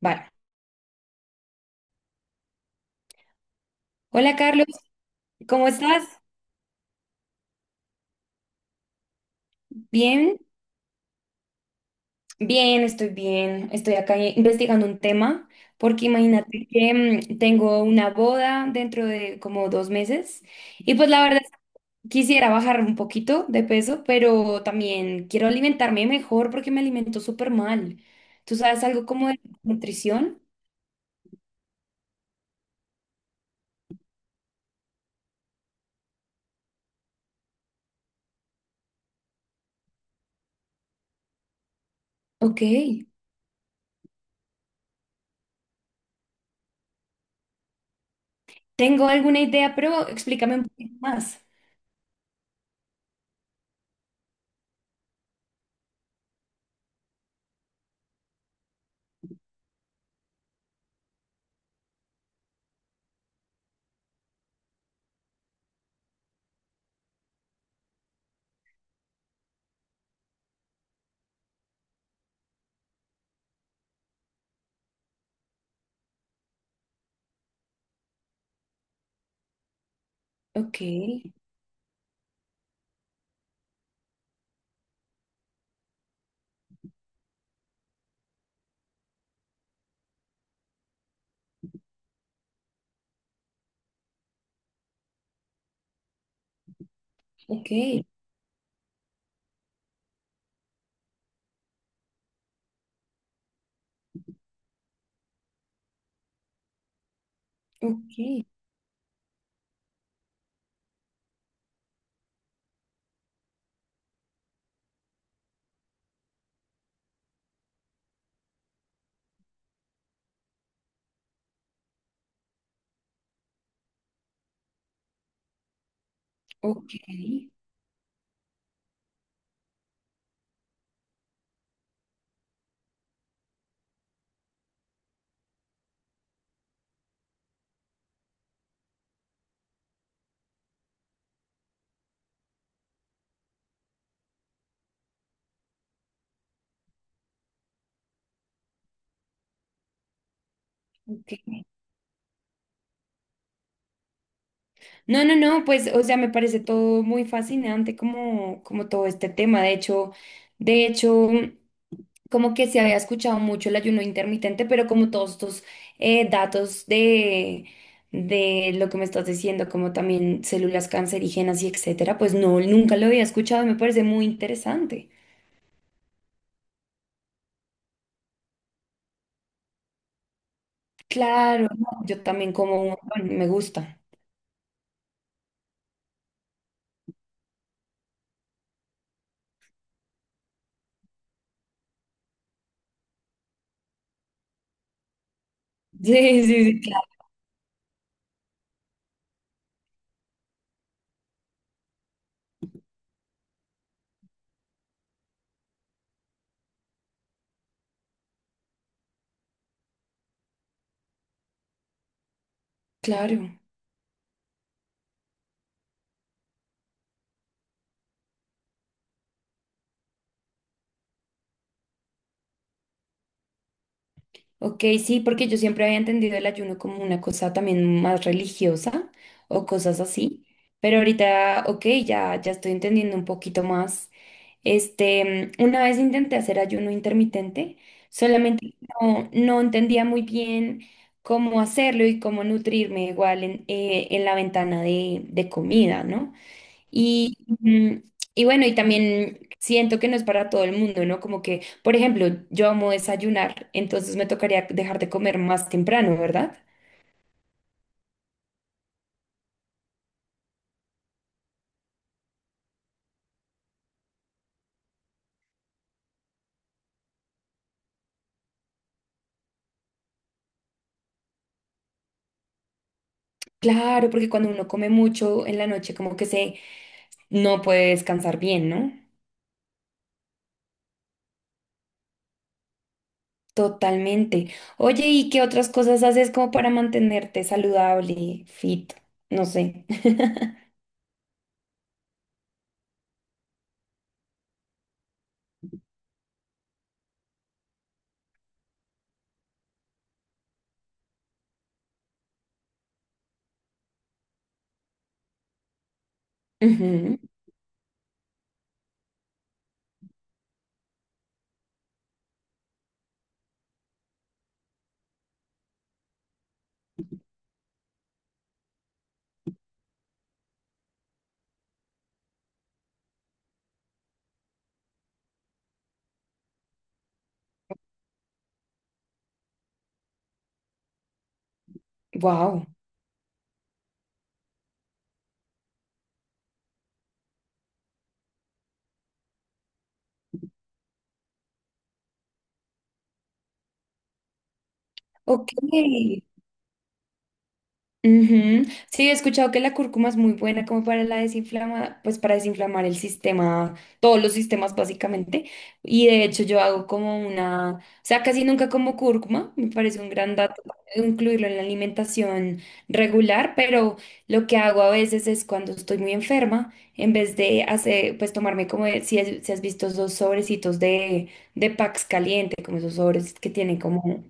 Vale. Hola Carlos, ¿cómo estás? Bien, bien. Estoy acá investigando un tema porque imagínate que tengo una boda dentro de como 2 meses y pues la verdad es que quisiera bajar un poquito de peso, pero también quiero alimentarme mejor porque me alimento súper mal. ¿Tú sabes algo como de nutrición? Ok, tengo alguna idea, pero explícame un poquito más. Ok, ok, ok, ok, ok. No, no, no, pues, o sea, me parece todo muy fascinante como, como todo este tema. De hecho, como que se había escuchado mucho el ayuno intermitente, pero como todos estos datos de lo que me estás diciendo, como también células cancerígenas y etcétera, pues no, nunca lo había escuchado y me parece muy interesante. Claro, no, yo también como un montón, me gusta. Sí, sí, sí, claro, claro. Ok, sí, porque yo siempre había entendido el ayuno como una cosa también más religiosa o cosas así, pero ahorita, ok, ya, ya estoy entendiendo un poquito más. Este, una vez intenté hacer ayuno intermitente, solamente no entendía muy bien cómo hacerlo y cómo nutrirme igual en la ventana de comida, ¿no? Y, y bueno, y también siento que no es para todo el mundo, ¿no? Como que, por ejemplo, yo amo desayunar, entonces me tocaría dejar de comer más temprano, ¿verdad? Claro, porque cuando uno come mucho en la noche, como que se no puede descansar bien, ¿no? Totalmente. Oye, ¿y qué otras cosas haces como para mantenerte saludable, fit? No sé. Wow. Ok. Ujú. Sí, he escuchado que la cúrcuma es muy buena como para la desinflama, pues para desinflamar el sistema, todos los sistemas básicamente. Y de hecho yo hago como una, o sea, casi nunca como cúrcuma, me parece un gran dato incluirlo en la alimentación regular, pero lo que hago a veces es cuando estoy muy enferma, en vez de hacer, pues tomarme como, el- si, has si has visto esos sobrecitos de Pax caliente, como esos sobres que tienen como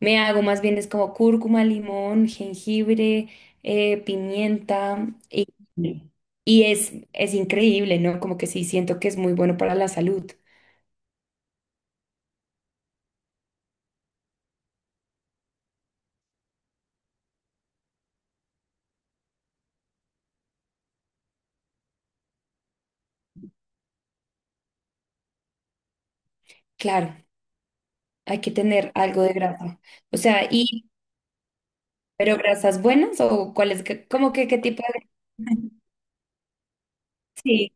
me hago más bien es como cúrcuma, limón, jengibre, pimienta y, sí. Y es increíble, ¿no? Como que sí siento que es muy bueno para la salud. Claro, hay que tener algo de grasa. O sea, y, ¿pero grasas buenas o cuáles, que- como que qué tipo de grasa? Sí.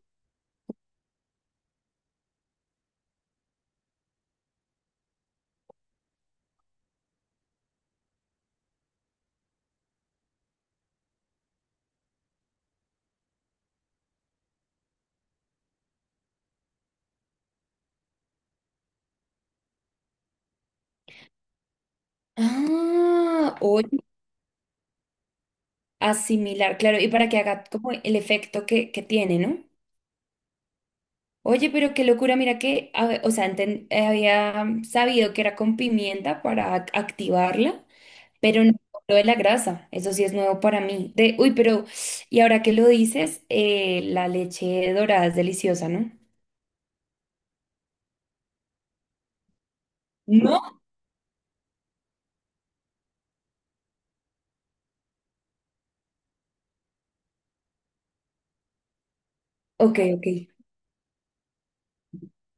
Ah, oye, asimilar, claro, y para que haga como el efecto que tiene, ¿no? Oye, pero qué locura, mira que, a- o sea, enten- había sabido que era con pimienta para ac- activarla, pero no lo de la grasa, eso sí es nuevo para mí. De, uy, pero, y ahora que lo dices, la leche dorada es deliciosa, ¿no? ¿No? Ok, ok.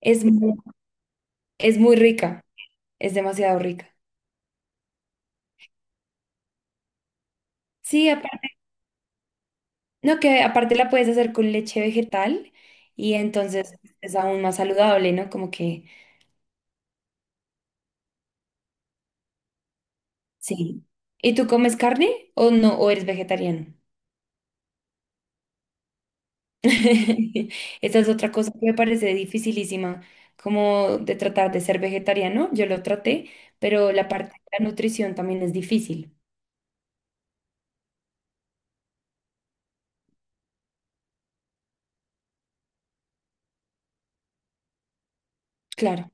Es muy, es muy rica, es demasiado rica. Sí, aparte, no, que aparte la puedes hacer con leche vegetal y entonces es aún más saludable, ¿no? Como que, sí. ¿Y tú comes carne o no, o eres vegetariano? Esa es otra cosa que me parece dificilísima, como de tratar de ser vegetariano. Yo lo traté, pero la parte de la nutrición también es difícil. Claro.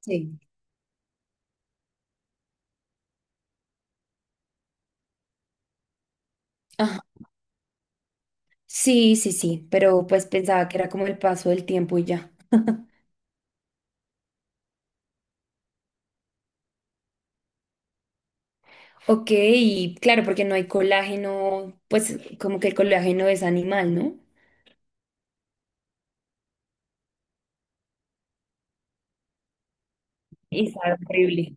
Sí. Ajá. Sí, sí, sí, pero pues pensaba que era como el paso del tiempo y ya. Ok, y claro, porque no hay colágeno, pues como que el colágeno es animal, ¿no? Y sabe horrible.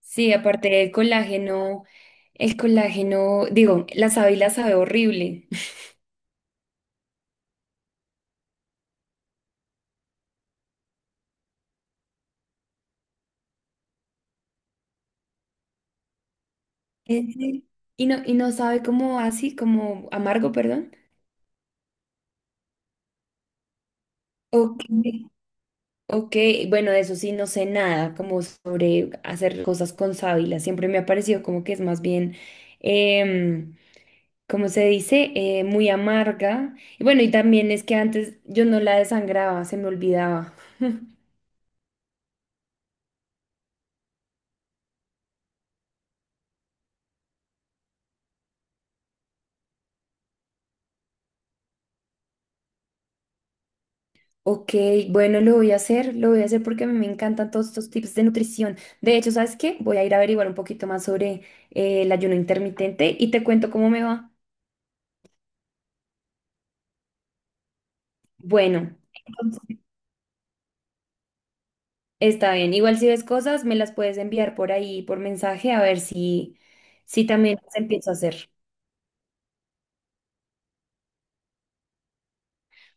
Sí, aparte del colágeno, el colágeno, digo, la sábila sabe horrible. Ese- y no sabe como así, como amargo, perdón. Ok, ok, bueno, de eso sí no sé nada, como sobre hacer cosas con sábila. Siempre me ha parecido como que es más bien, em, ¿cómo se dice? Muy amarga. Y bueno, y también es que antes yo no la desangraba, se me olvidaba. Ok, bueno, lo voy a hacer, lo voy a hacer porque a mí me encantan todos estos tips de nutrición. De hecho, ¿sabes qué? Voy a ir a averiguar un poquito más sobre el ayuno intermitente y te cuento cómo me va. Bueno, entonces, está bien. Igual si ves cosas, me las puedes enviar por ahí, por mensaje, a ver si, si también las empiezo a hacer.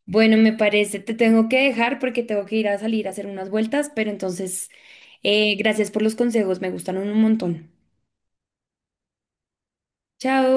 Bueno, me parece, te tengo que dejar porque tengo que ir a salir a hacer unas vueltas, pero entonces, gracias por los consejos, me gustaron un montón. Chao.